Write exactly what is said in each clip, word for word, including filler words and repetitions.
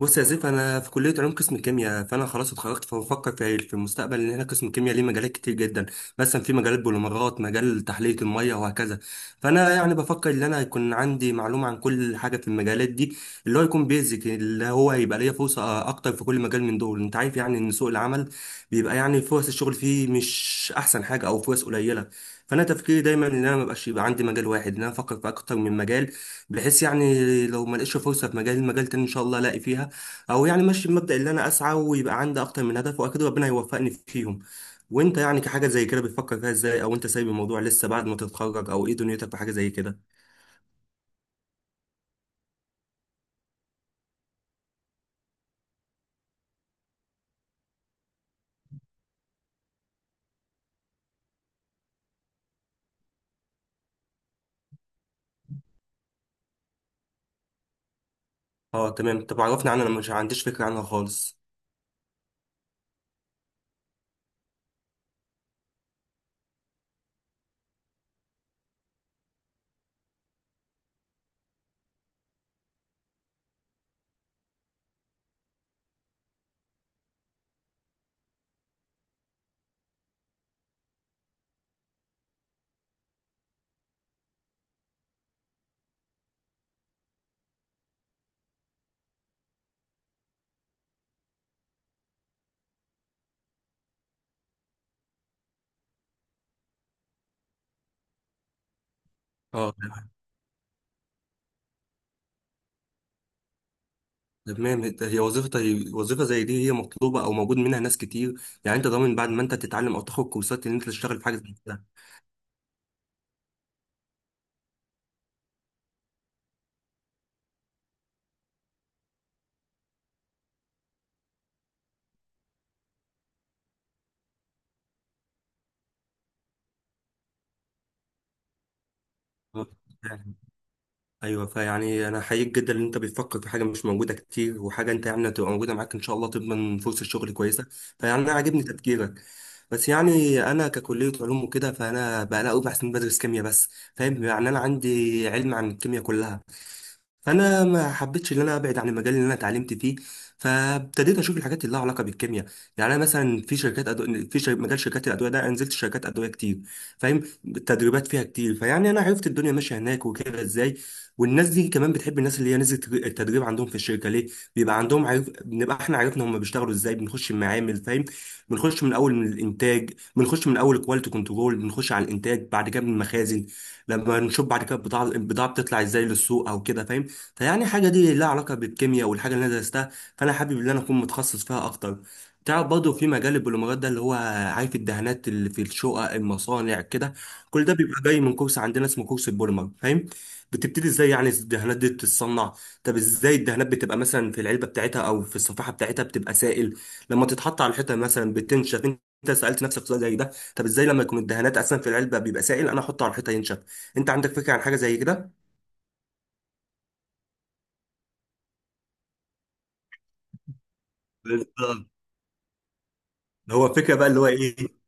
بص يا سيف، انا في كليه علوم قسم الكيمياء، فانا خلاص اتخرجت. فبفكر في في المستقبل ان احنا قسم الكيمياء ليه مجالات كتير جدا. مثلا في مجال البوليمرات، مجال تحليه الميه، وهكذا. فانا يعني بفكر ان انا يكون عندي معلومه عن كل حاجه في المجالات دي، اللي هو يكون بيزك، اللي هو هيبقى ليا فرصه اكتر في كل مجال من دول. انت عارف يعني ان سوق العمل بيبقى يعني فرص الشغل فيه مش احسن حاجه، او فرص قليله. فانا تفكيري دايما ان انا مبقاش يبقى عندي مجال واحد، ان انا افكر في اكتر من مجال، بحيث يعني لو ما لقيتش فرصه في مجال، مجال تاني ان شاء الله الاقي فيها. او يعني ماشي بمبدأ اللي انا اسعى ويبقى عندي اكتر من هدف، واكيد ربنا هيوفقني فيهم. وانت يعني كحاجة زي كده بتفكر فيها ازاي؟ او انت سايب الموضوع لسه بعد ما تتخرج؟ او ايه دنيتك في حاجة زي كده؟ اه، تمام. طب عرفني عنها، انا مش عنديش فكرة عنها خالص. اه، تمام. ده هي وظيفة، هي وظيفة زي دي هي مطلوبة او موجود منها ناس كتير؟ يعني انت ضامن بعد ما انت تتعلم او تاخد كورسات ان انت تشتغل في حاجة زي كده؟ اه. ايوه، فيعني انا حقيقي جدا ان انت بتفكر في حاجه مش موجوده كتير، وحاجه انت يعني هتبقى موجوده معاك ان شاء الله تضمن فرصه شغل كويسه. فيعني انا عاجبني تفكيرك. بس يعني انا ككليه علوم وكده، فانا بقى لا بحسن بدرس كيمياء بس، فاهم؟ يعني انا عندي علم عن الكيمياء كلها، فانا ما حبيتش ان انا ابعد عن المجال اللي انا اتعلمت فيه. فابتديت اشوف الحاجات اللي لها علاقه بالكيمياء. يعني انا مثلا في شركات أدو... في شر... مجال شركات الادويه ده، أنا نزلت شركات ادويه كتير، فاهم؟ التدريبات فيها كتير، فيعني انا عرفت الدنيا ماشيه هناك وكده ازاي. والناس دي كمان بتحب الناس اللي هي نزلت التدريب عندهم في الشركه، ليه؟ بيبقى عندهم عارف، بنبقى احنا عرفنا هم بيشتغلوا ازاي. بنخش المعامل، فاهم؟ بنخش من اول من الانتاج، بنخش من اول كواليتي كنترول، بنخش على الانتاج، بعد كده من المخازن، لما نشوف بعد كده البضاعه، البضاعه بتطلع ازاي للسوق او كده، فاهم؟ فيعني حاجة دي لها علاقة بالكيمياء والحاجة اللي أنا درستها، فأنا حابب إن أنا أكون متخصص فيها أكتر. تعرف برضه في مجال البوليمرات ده اللي هو، عارف الدهانات اللي في الشقق، المصانع كده، كل ده بيبقى جاي من كورس عندنا اسمه كورس البوليمر، فاهم؟ بتبتدي ازاي يعني الدهانات دي بتتصنع. طب ازاي الدهانات بتبقى مثلا في العلبة بتاعتها أو في الصفيحة بتاعتها بتبقى سائل، لما تتحط على الحيطة مثلا بتنشف؟ انت سألت نفسك سؤال زي ده؟ طب ازاي لما يكون الدهانات اصلا في العلبة بيبقى سائل، انا احطه على الحيطة ينشف؟ انت عندك فكرة عن حاجة زي كده؟ بالظبط. هو فكرة بقى اللي هو ايه،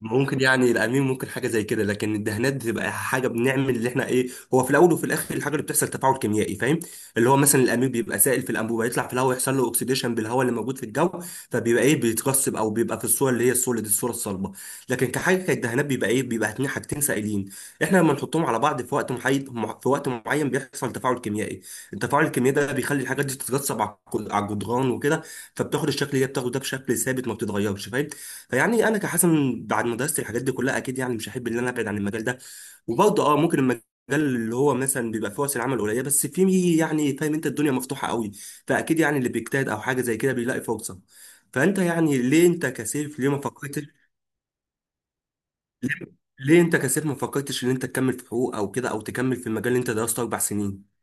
ممكن يعني القميم ممكن حاجة زي كده، لكن الدهانات بتبقى حاجة بنعمل اللي احنا ايه، هو في الأول وفي الآخر الحاجة اللي بتحصل تفاعل كيميائي، فاهم؟ اللي هو مثلا القميم بيبقى سائل في الأنبوبة، يطلع في الهواء يحصل له أكسيديشن بالهواء اللي موجود في الجو، فبيبقى ايه، بيترسب أو بيبقى في الصورة اللي هي السوليد، الصورة الصلبة. لكن كحاجة كالدهانات بيبقى ايه، بيبقى اتنين حاجتين سائلين. احنا لما نحطهم على بعض في وقت محايد، في وقت معين بيحصل تفاعل كيميائي، التفاعل الكيميائي ده بيخلي الحاجات دي تترسب على الجدران وكده، فبتاخد الشكل اللي هي بتاخده ده بشكل ثابت ما بتتغيرش، فاهم؟ فيعني انا كحسن بعد ما درست الحاجات دي كلها، اكيد يعني مش هحب ان انا ابعد عن المجال ده. وبرضه اه، ممكن المجال اللي هو مثلا بيبقى فيه فرص العمل قليله، بس فيه يعني، فاهم؟ انت الدنيا مفتوحه قوي، فاكيد يعني اللي بيجتهد او حاجه زي كده بيلاقي فرصه. فانت يعني ليه، انت كسيف ليه ما فكرتش؟ ليه، ليه انت كسيف ما فكرتش ان انت تكمل في حقوق او كده، او تكمل في المجال اللي انت درسته اربع سنين؟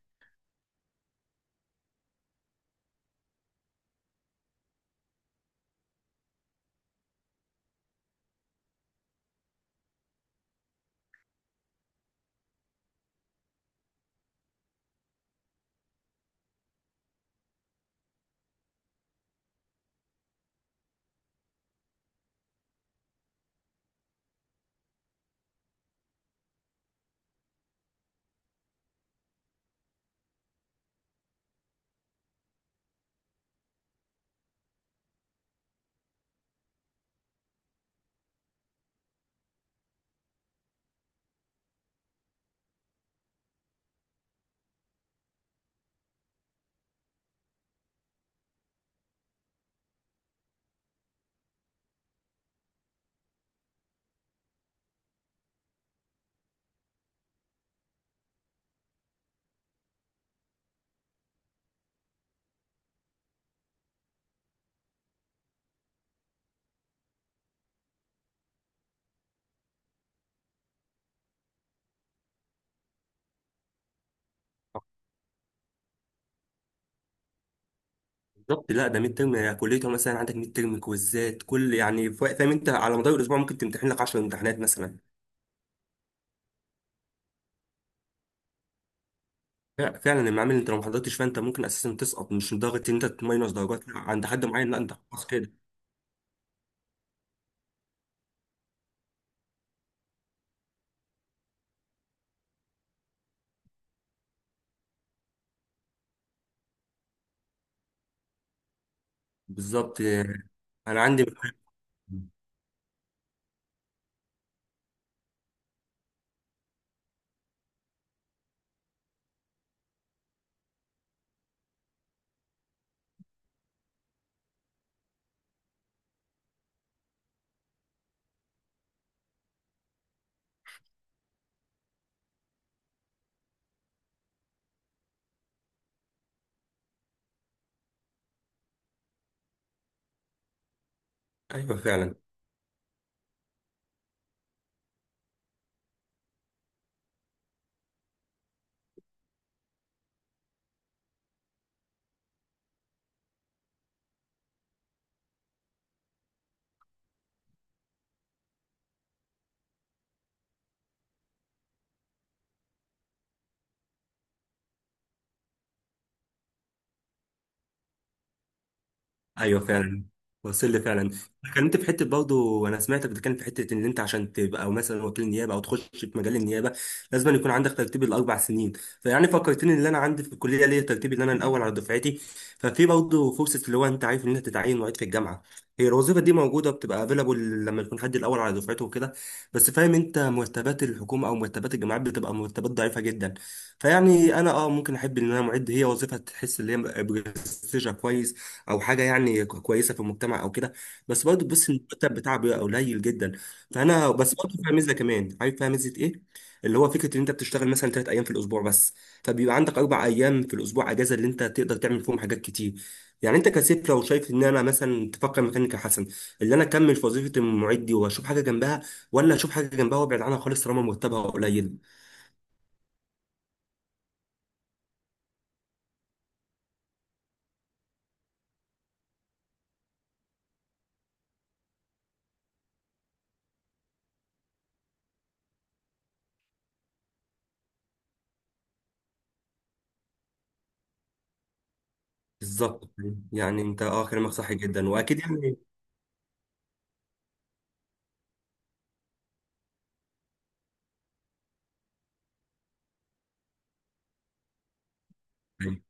بالظبط. لا، ده ميد ترم كليته، مثلا عندك ميد ترم، كويزات، كل يعني فا- فاهم انت على مدار الاسبوع ممكن تمتحن لك عشر امتحانات مثلا. فع- فعلا المعامل اللي انت لو ما حضرتش فانت ممكن اساسا تسقط، مش لدرجه ان انت تماينس درجات لا، عند حد معين لا انت خلاص كده. بالظبط. آه. انا عندي، ايوه فعلا. ايوه فعلا، وصل لي فعلا. اتكلمت في حته، برضه انا سمعتك بتتكلم في حته ان انت عشان تبقى مثلا وكيل نيابه او تخش في مجال النيابه لازم يكون عندك ترتيب الاربع سنين. فيعني فكرتني ان انا عندي في الكليه ليا ترتيب، ان انا الاول على دفعتي. ففي برضه فرصه اللي هو انت عارف ان انت تتعين معيد في الجامعه. هي الوظيفه دي موجوده، بتبقى افيلابل لما يكون حد الاول على دفعته وكده. بس فاهم انت مرتبات الحكومه او مرتبات الجامعات بتبقى مرتبات ضعيفه جدا. فيعني انا اه، ممكن احب ان انا معد، هي وظيفه تحس ان هي برستيجها كويس، او حاجه يعني ك- كويسه في المجتمع او كده. بس برضه بص، المرتب بتاعه بيبقى قليل جدا. فانا بس برضه فيها ميزه كمان، عارف فيها ميزه ايه؟ اللي هو فكره ان انت بتشتغل مثلا ثلاث ايام في الاسبوع بس، فبيبقى عندك اربع ايام في الاسبوع اجازه اللي انت تقدر تعمل فيهم حاجات كتير. يعني انت كسيف لو شايف، ان انا مثلا تفكر مكاني كحسن، اللي انا اكمل في وظيفه المعيد دي واشوف حاجه جنبها، ولا اشوف حاجه جنبها وابعد عنها خالص طالما مرتبها قليل؟ بالظبط. يعني انت اه كلامك صح جدا واكيد. يعني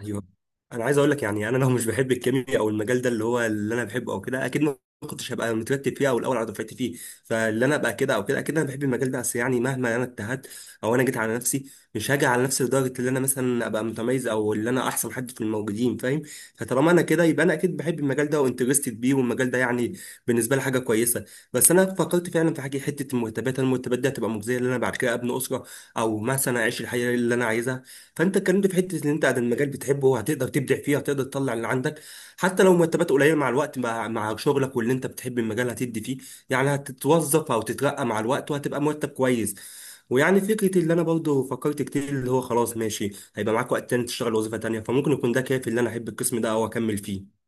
ايوه، انا عايز اقول لك يعني انا لو مش بحب الكيمياء او المجال ده اللي هو اللي انا بحبه او كده، اكيد ما كنتش هبقى مترتب فيه او الاول على دفعتي فيه. فاللي انا ابقى كده او كده، اكيد انا بحب المجال ده. بس يعني مهما انا اجتهدت او انا جيت على نفسي، مش هاجي على نفسي لدرجه ان انا مثلا ابقى متميز او اللي انا احسن حد في الموجودين، فاهم؟ فطالما انا كده يبقى انا اكيد بحب المجال ده وانترستد بيه، والمجال ده يعني بالنسبه لي حاجه كويسه. بس انا فكرت فعلا في حاجه، حته المرتبات، المرتبات دي هتبقى مجزيه ان انا بعد كده ابني اسره او مثلا اعيش الحياه اللي انا عايزها؟ فانت اتكلمت في حته ان انت عن المجال بتحبه هتقدر تبدع فيه، هتقدر تطلع اللي عندك، حتى لو مرتبات قليله مع الوقت، مع مع شغلك واللي انت بتحب المجال هتدي فيه، يعني هتتوظف او تترقى مع الوقت وهتبقى مرتب كويس. ويعني فكرة اللي انا برضه فكرت كتير، اللي هو خلاص ماشي هيبقى معاك وقت تاني تشتغل وظيفة تانية، فممكن يكون ده كافي اللي انا احب القسم ده او اكمل فيه.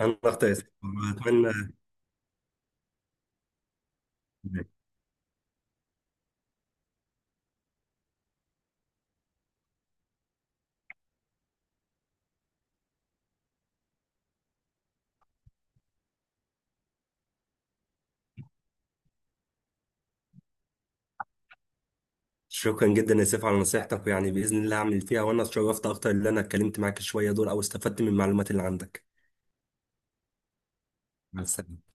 انا اختار، اتمنى. شكرا جدا يا سيف على نصيحتك، ويعني باذن الله اعمل فيها، وانا اتشرفت اكتر اللي انا اتكلمت معاك شويه دول او استفدت من المعلومات اللي عندك. مع السلامه.